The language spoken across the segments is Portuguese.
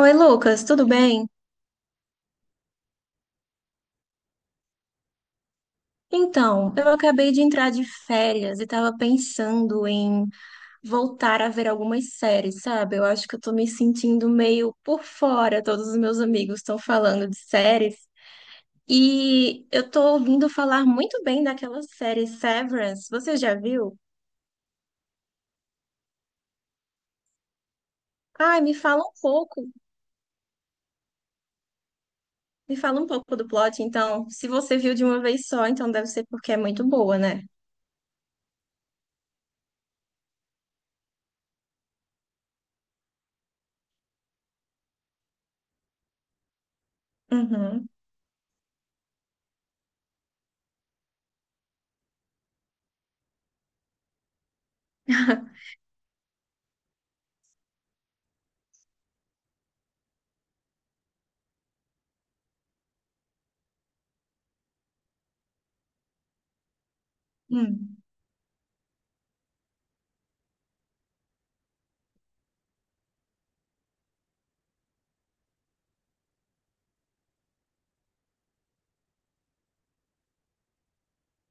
Oi, Lucas, tudo bem? Então, eu acabei de entrar de férias e estava pensando em voltar a ver algumas séries, sabe? Eu acho que eu tô me sentindo meio por fora, todos os meus amigos estão falando de séries e eu tô ouvindo falar muito bem daquela série Severance. Você já viu? Ai, me fala um pouco, me fala um pouco do plot, então. Se você viu de uma vez só, então deve ser porque é muito boa, né? Uhum. Hum,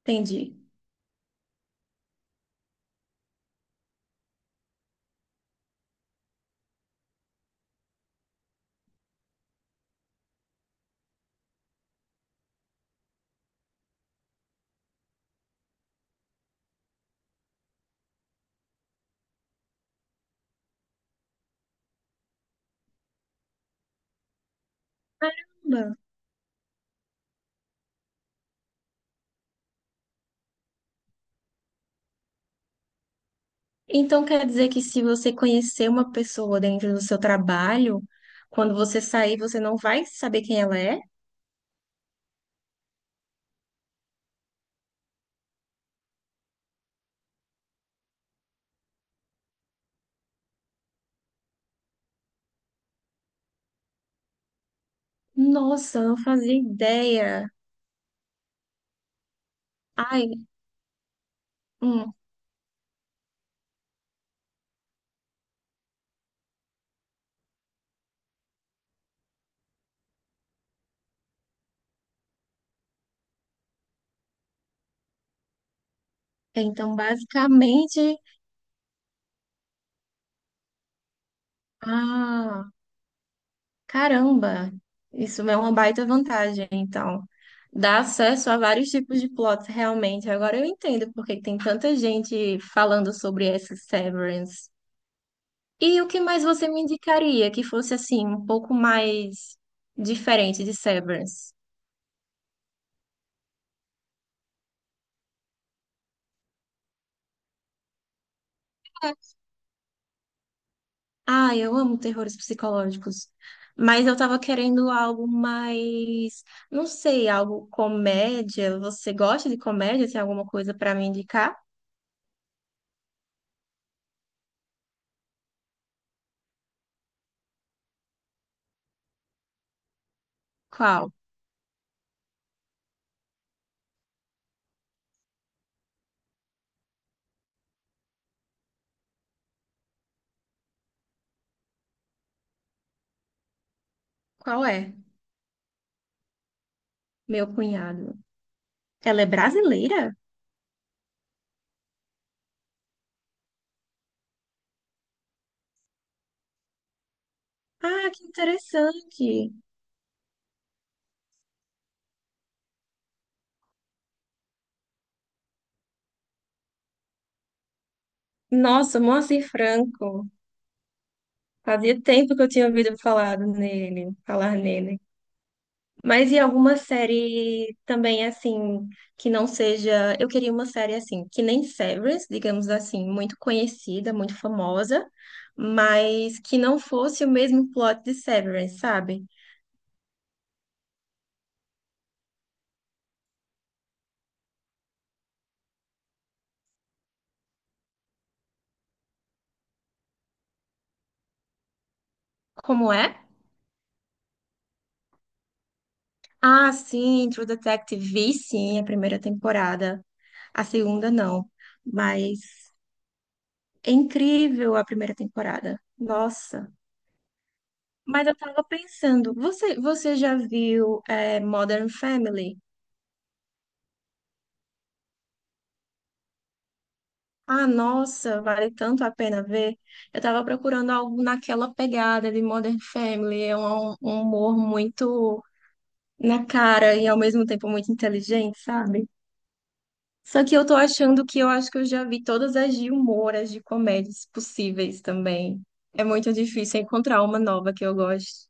entendi. Então quer dizer que se você conhecer uma pessoa dentro do seu trabalho, quando você sair, você não vai saber quem ela é? Nossa, eu não fazia ideia. Ai, hum. Então basicamente, ah, caramba, isso é uma baita vantagem, então. Dá acesso a vários tipos de plots, realmente. Agora eu entendo porque tem tanta gente falando sobre essa Severance. E o que mais você me indicaria que fosse assim, um pouco mais diferente de Severance? Ah, eu amo terrores psicológicos. Mas eu tava querendo algo mais, não sei, algo comédia. Você gosta de comédia? Tem alguma coisa pra me indicar? Qual? Qual é? Meu cunhado. Ela é brasileira? Ah, que interessante. Nossa, Moacir Franco. Fazia tempo que eu tinha ouvido falar nele. Mas e alguma série também assim, que não seja. Eu queria uma série assim, que nem Severance, digamos assim, muito conhecida, muito famosa, mas que não fosse o mesmo plot de Severance, sabe? Como é? Ah, sim, True Detective vi sim a primeira temporada. A segunda não. Mas é incrível a primeira temporada. Nossa. Mas eu tava pensando, você já viu Modern Family? Ah, nossa, vale tanto a pena ver. Eu tava procurando algo naquela pegada de Modern Family. É um humor muito na cara e ao mesmo tempo muito inteligente, sabe? Só que eu tô achando que eu acho que eu já vi todas as de humor, as de comédias possíveis também. É muito difícil encontrar uma nova que eu goste.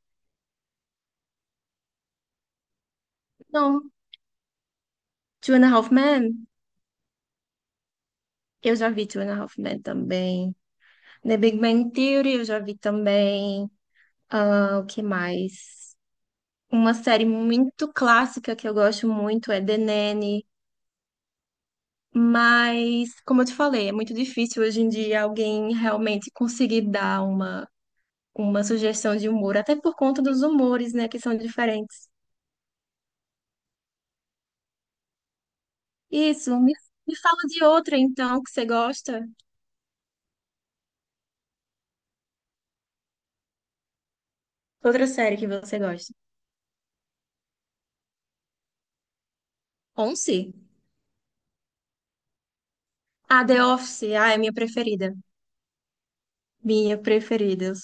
Não, Two and a Half Men, eu já vi Two and a Half Men também. The Big Bang Theory, eu já vi também. Ah, o que mais? Uma série muito clássica que eu gosto muito é The Nanny, mas, como eu te falei, é muito difícil hoje em dia alguém realmente conseguir dar uma sugestão de humor, até por conta dos humores, né, que são diferentes. Isso, me fala de outra, então, que você gosta. Outra série que você gosta. Once? Ah, The Office. Ah, é minha preferida. Minha preferida.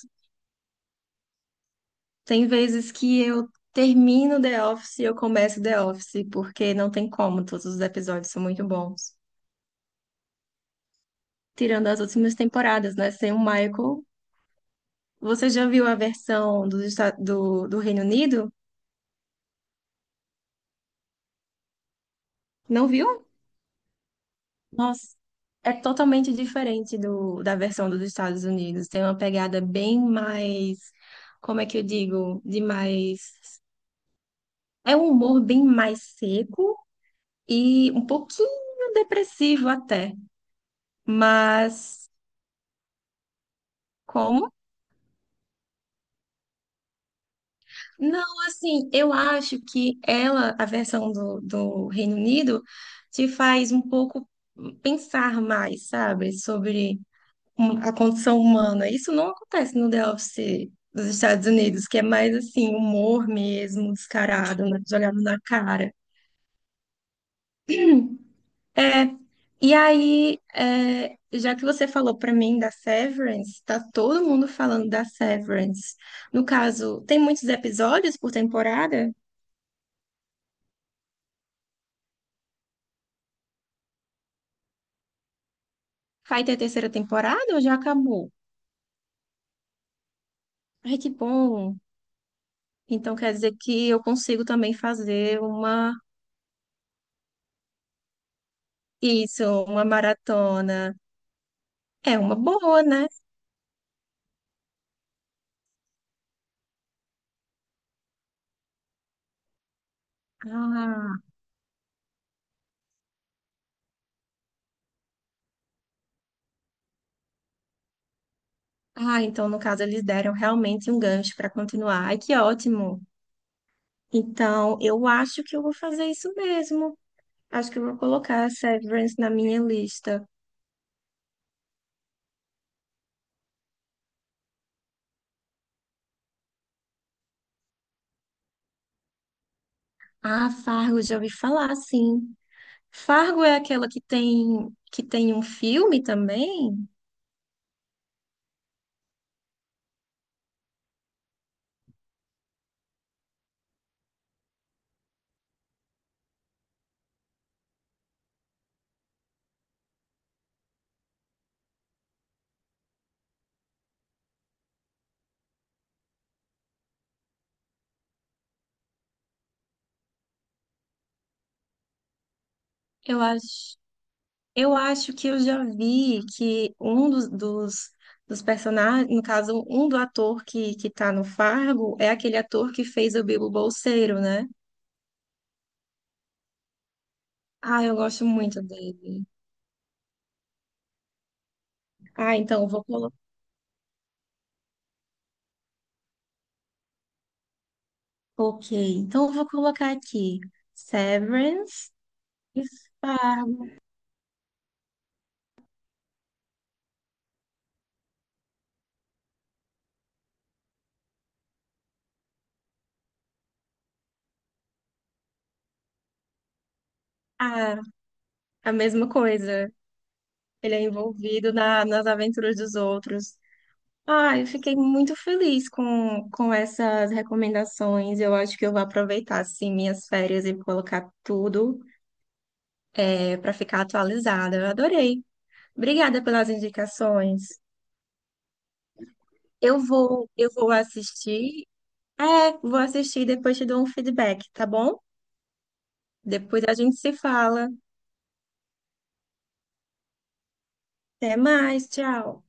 Tem vezes que eu termino The Office e eu começo The Office, porque não tem como, todos os episódios são muito bons. Tirando as últimas temporadas, né? Sem o Michael. Você já viu a versão do Reino Unido? Não viu? Nossa, é totalmente diferente da versão dos Estados Unidos. Tem uma pegada bem mais, como é que eu digo? De mais. É um humor bem mais seco e um pouquinho depressivo até. Mas. Como? Não, assim, eu acho que ela, a versão do Reino Unido, te faz um pouco pensar mais, sabe, sobre a condição humana. Isso não acontece no The Office dos Estados Unidos, que é mais assim, humor mesmo, descarado, né, jogado na cara. É. E aí, é, já que você falou pra mim da Severance, tá todo mundo falando da Severance. No caso, tem muitos episódios por temporada? Vai ter terceira temporada ou já acabou? Ai, que bom. Então quer dizer que eu consigo também fazer isso, uma maratona. É uma boa, né? Ah, ah, então no caso eles deram realmente um gancho para continuar. Ai, que ótimo. Então eu acho que eu vou fazer isso mesmo. Acho que eu vou colocar Severance na minha lista. Ah, Fargo, já ouvi falar, sim. Fargo é aquela que tem um filme também? Eu acho. Eu acho que eu já vi que um dos personagens, no caso, um do ator que tá no Fargo é aquele ator que fez o Bilbo Bolseiro, né? Ah, eu gosto muito dele. Ah, então eu vou colocar. Ok, então eu vou colocar aqui Severance e Fargo. Ah, a mesma coisa. Ele é envolvido nas aventuras dos outros. Ah, eu fiquei muito feliz com essas recomendações. Eu acho que eu vou aproveitar, assim, minhas férias e colocar tudo é, para ficar atualizada. Eu adorei. Obrigada pelas indicações. Eu vou assistir. É, vou assistir e depois te dou um feedback, tá bom? Depois a gente se fala. Até mais, tchau.